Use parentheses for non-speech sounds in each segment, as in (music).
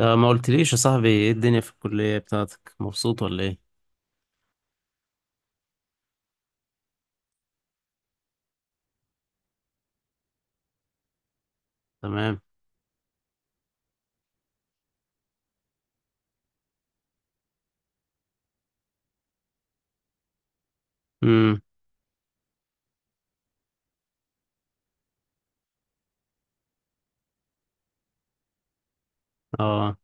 ما قلتليش يا صاحبي ايه الدنيا في الكلية بتاعتك، مبسوط ولا ايه؟ تمام. امم اه.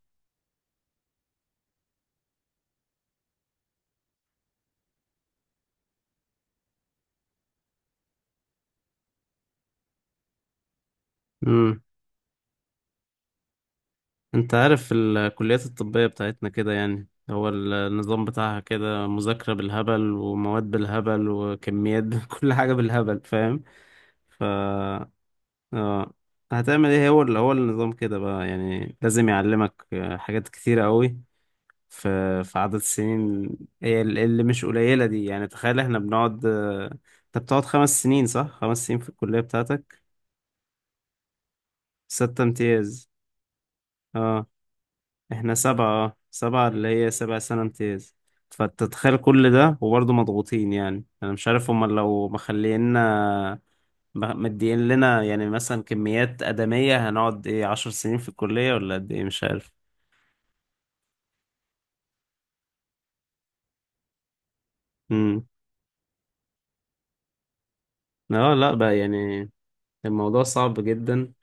امم انت عارف الكليات الطبية بتاعتنا كده، يعني هو النظام بتاعها كده، مذاكرة بالهبل ومواد بالهبل وكميات (laughs) كل حاجة بالهبل، فاهم. ف اه هتعمل ايه؟ هو اللي هو النظام كده بقى، يعني لازم يعلمك حاجات كتيرة قوي في عدد السنين، هي اللي مش قليلة دي. يعني تخيل احنا بنقعد. انت بتقعد 5 سنين صح؟ 5 سنين في الكلية بتاعتك. ستة امتياز. اه، احنا سبعة اللي هي 7 سنة امتياز. فتتخيل كل ده وبرضه مضغوطين، يعني انا مش عارف هما لو مخلينا مدين لنا، يعني مثلا كميات آدمية، هنقعد ايه، 10 سنين في الكلية ولا قد ايه، مش عارف. امم لا، لا بقى يعني. الموضوع صعب جدا،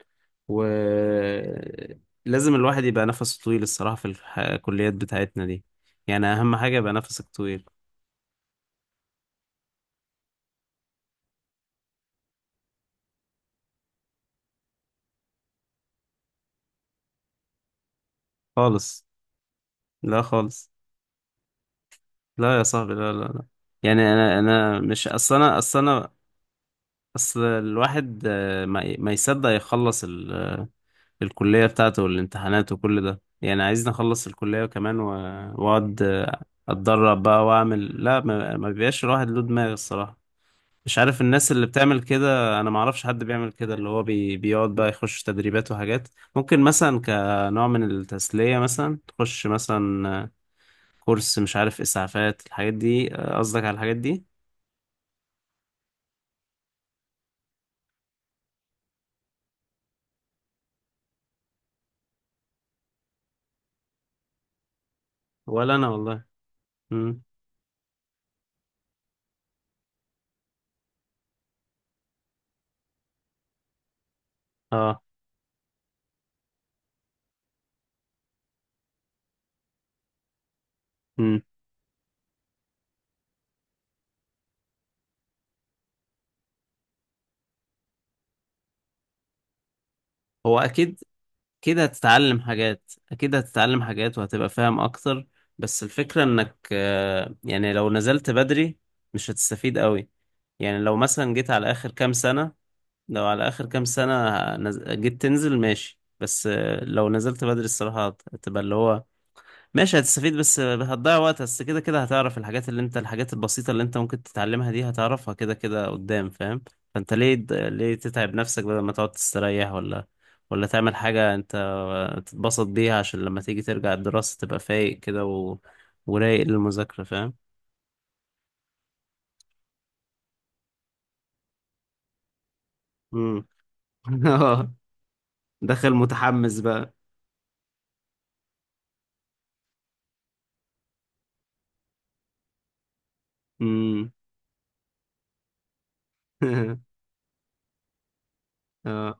ولازم الواحد يبقى نفسه طويل الصراحة في الكليات بتاعتنا دي، يعني أهم حاجة يبقى نفسك طويل. خالص. لا خالص. لا يا صاحبي، لا لا لا. يعني أنا مش أصل أنا. أصل الواحد ما يصدق يخلص الكلية بتاعته والامتحانات وكل ده. يعني عايزني أخلص الكلية كمان وأقعد، أتدرب بقى وأعمل لا. ما بيبقاش الواحد له دماغ الصراحة. مش عارف الناس اللي بتعمل كده، انا ما اعرفش حد بيعمل كده اللي هو بيقعد بقى يخش تدريبات وحاجات. ممكن مثلا كنوع من التسلية مثلا تخش مثلا كورس، مش عارف اسعافات، الحاجات دي قصدك، على الحاجات دي. ولا انا والله. امم اه. امم هو اكيد كده هتتعلم حاجات، اكيد هتتعلم حاجات وهتبقى فاهم اكتر. بس الفكرة انك، يعني لو نزلت بدري مش هتستفيد قوي. يعني لو مثلا جيت على اخر كام سنة، لو على آخر كام سنة جيت تنزل ماشي، بس، لو نزلت بدري الصراحة هتبقى اللي هو ماشي هتستفيد، بس، هتضيع وقت، بس كده كده هتعرف الحاجات اللي انت، الحاجات البسيطة اللي انت ممكن تتعلمها دي هتعرفها كده كده قدام، فاهم. فانت ليه ليه تتعب نفسك بدل ما تقعد تستريح، ولا ولا تعمل حاجة انت، تتبسط بيها عشان لما تيجي ترجع الدراسة تبقى فايق كده ورايق للمذاكرة، فاهم. امم (laughs) اه. دخل متحمس بقى. امم (laughs) اه.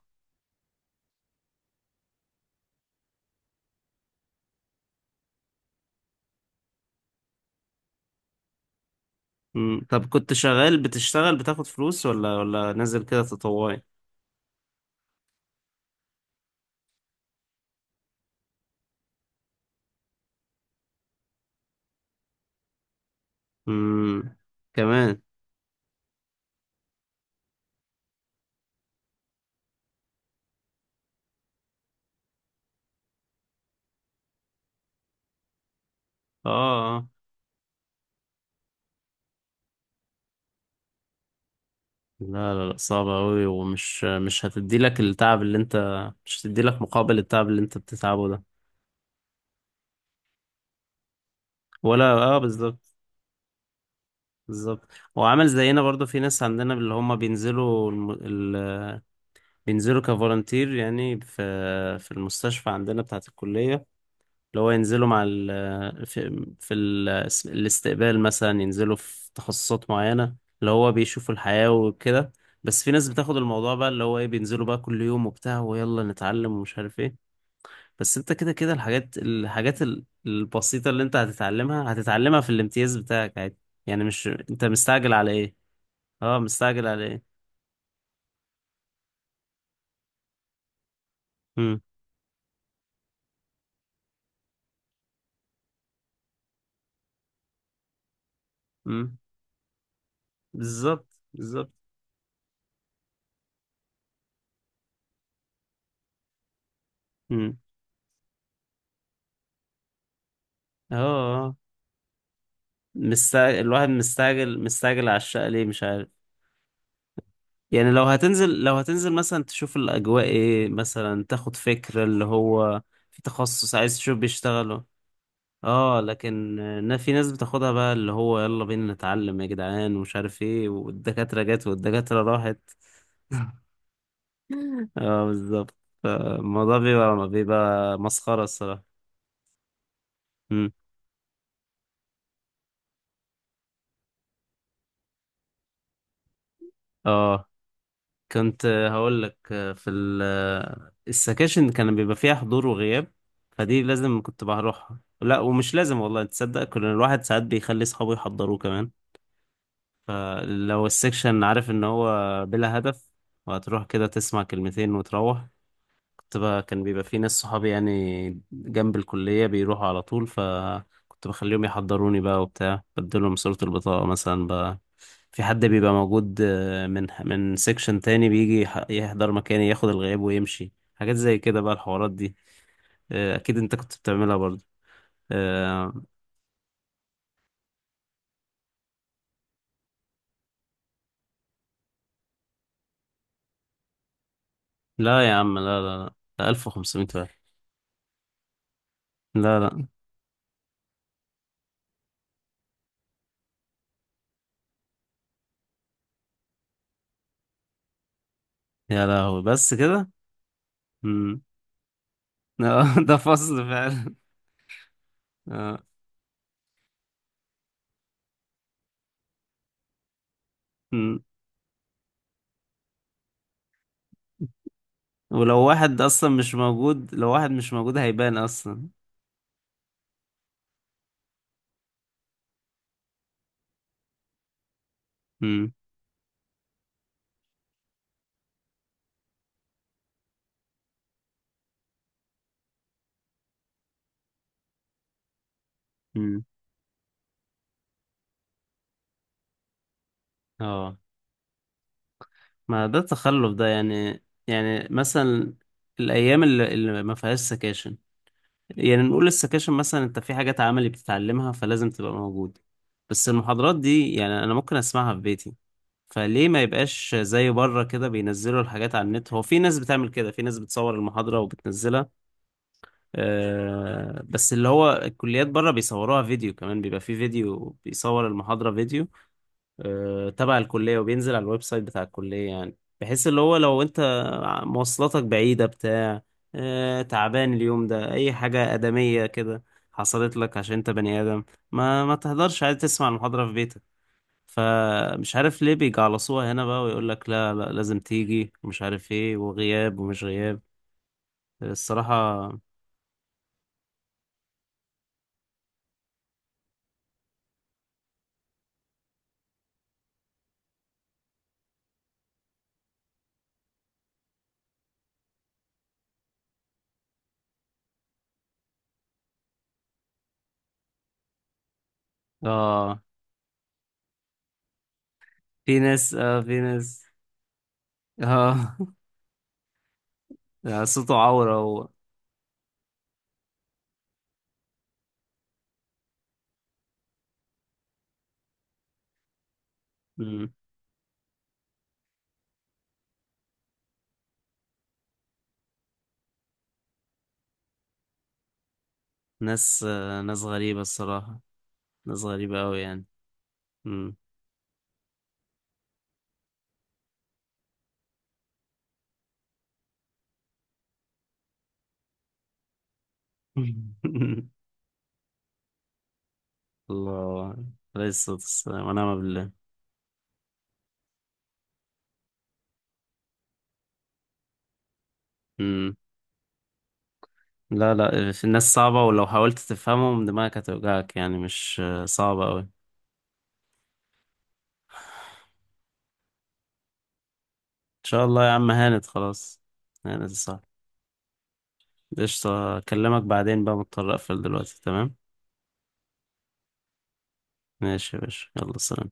مم. طب كنت شغال، بتشتغل بتاخد فلوس ولا نازل كده تطوعي؟ امم كمان. اه، آه. لا لا لا صعبة أوي، ومش مش هتدي لك التعب اللي أنت، مش هتدي لك مقابل التعب اللي أنت بتتعبه ده. ولا، اه بالظبط. بالظبط. وعامل زينا برضو، في ناس عندنا اللي هم بينزلوا بينزلوا كفولنتير، يعني في المستشفى عندنا بتاعة الكلية، اللي هو ينزلوا مع ال في, في ال الاستقبال مثلا، ينزلوا في تخصصات معينة اللي هو بيشوفوا الحياة وكده. بس في ناس بتاخد الموضوع بقى اللي هو ايه، بينزلوا بقى كل يوم وبتاع ويلا نتعلم ومش عارف ايه. بس انت كده كده الحاجات البسيطة اللي انت هتتعلمها في الامتياز بتاعك عادي، يعني مش انت مستعجل على ايه. اه، مستعجل على ايه. امم امم بالظبط. بالظبط. امم اه. مستعجل، الواحد مستعجل على الشقة ليه، مش عارف. يعني لو هتنزل مثلا تشوف الأجواء ايه، مثلا تاخد فكرة اللي هو في تخصص عايز تشوف بيشتغلوا. اه لكن، في ناس بتاخدها بقى اللي هو يلا بينا نتعلم يا جدعان، ومش عارف ايه، والدكاترة جت والدكاترة راحت. (laughs) اه بالظبط. فالموضوع بيبقى مسخرة الصراحة. مم. اه، كنت هقول لك في السكاشن كان بيبقى فيها حضور وغياب، فدي لازم كنت بروحها، لا ومش لازم، والله تصدق، كل الواحد ساعات بيخلي صحابه يحضروه كمان. فلو السكشن عارف ان هو بلا هدف، وهتروح كده تسمع كلمتين وتروح، كنت بقى كان بيبقى في ناس صحابي يعني جنب الكلية بيروحوا على طول، فكنت بخليهم يحضروني بقى وبتاع، بديلهم صورة البطاقة مثلا بقى، في حد بيبقى موجود، من سيكشن تاني بيجي يحضر مكاني، ياخد الغياب ويمشي، حاجات زي كده بقى الحوارات دي. أكيد أنت كنت بتعملها برضه. آه، لا يا عم، لا لا لا، ده 1500 واحد. لا لا. يا لهوي، بس كده. مم. (laughs) ده فصل فعلا. آه. ولو واحد اصلا مش موجود، لو واحد مش موجود هيبان اصلا. امم امم اه. ما ده التخلف ده، يعني مثلا الايام اللي ما فيهاش سكاشن، يعني نقول السكاشن مثلا، انت في حاجات عملي بتتعلمها فلازم تبقى موجود. بس المحاضرات دي يعني انا ممكن اسمعها في بيتي، فليه ما يبقاش زي بره كده بينزلوا الحاجات على النت؟ هو في ناس بتعمل كده، في ناس بتصور المحاضرة وبتنزلها. بس اللي هو الكليات بره بيصوروها فيديو كمان، بيبقى في فيديو بيصور المحاضرة فيديو، تبع الكلية، وبينزل على الويب سايت بتاع الكلية، يعني بحيث اللي هو لو انت مواصلاتك بعيدة بتاع، تعبان اليوم ده، اي حاجة آدمية كده حصلت لك عشان انت بني آدم، ما تهدرش، عادي تسمع المحاضرة في بيتك. فمش عارف ليه بيجعلصوها هنا بقى، ويقول لك لا لا لازم تيجي، ومش عارف ايه، وغياب ومش غياب. الصراحة اه، في ناس، اه (laughs) ، صوته عورة هو. مم. ناس غريبة الصراحة. ناس غريبة أوي يعني. مم. (laughs) الله، عليه الصلاة والسلام ونعم بالله. مم. لا لا، في الناس صعبة، ولو حاولت تفهمهم دماغك هتوجعك، يعني مش، صعبة أوي، إن شاء الله يا عم، هانت خلاص. هانت صح. قشطة، أكلمك بعدين بقى، مضطر أقفل دلوقتي، تمام. ماشي يا باشا، يلا سلام.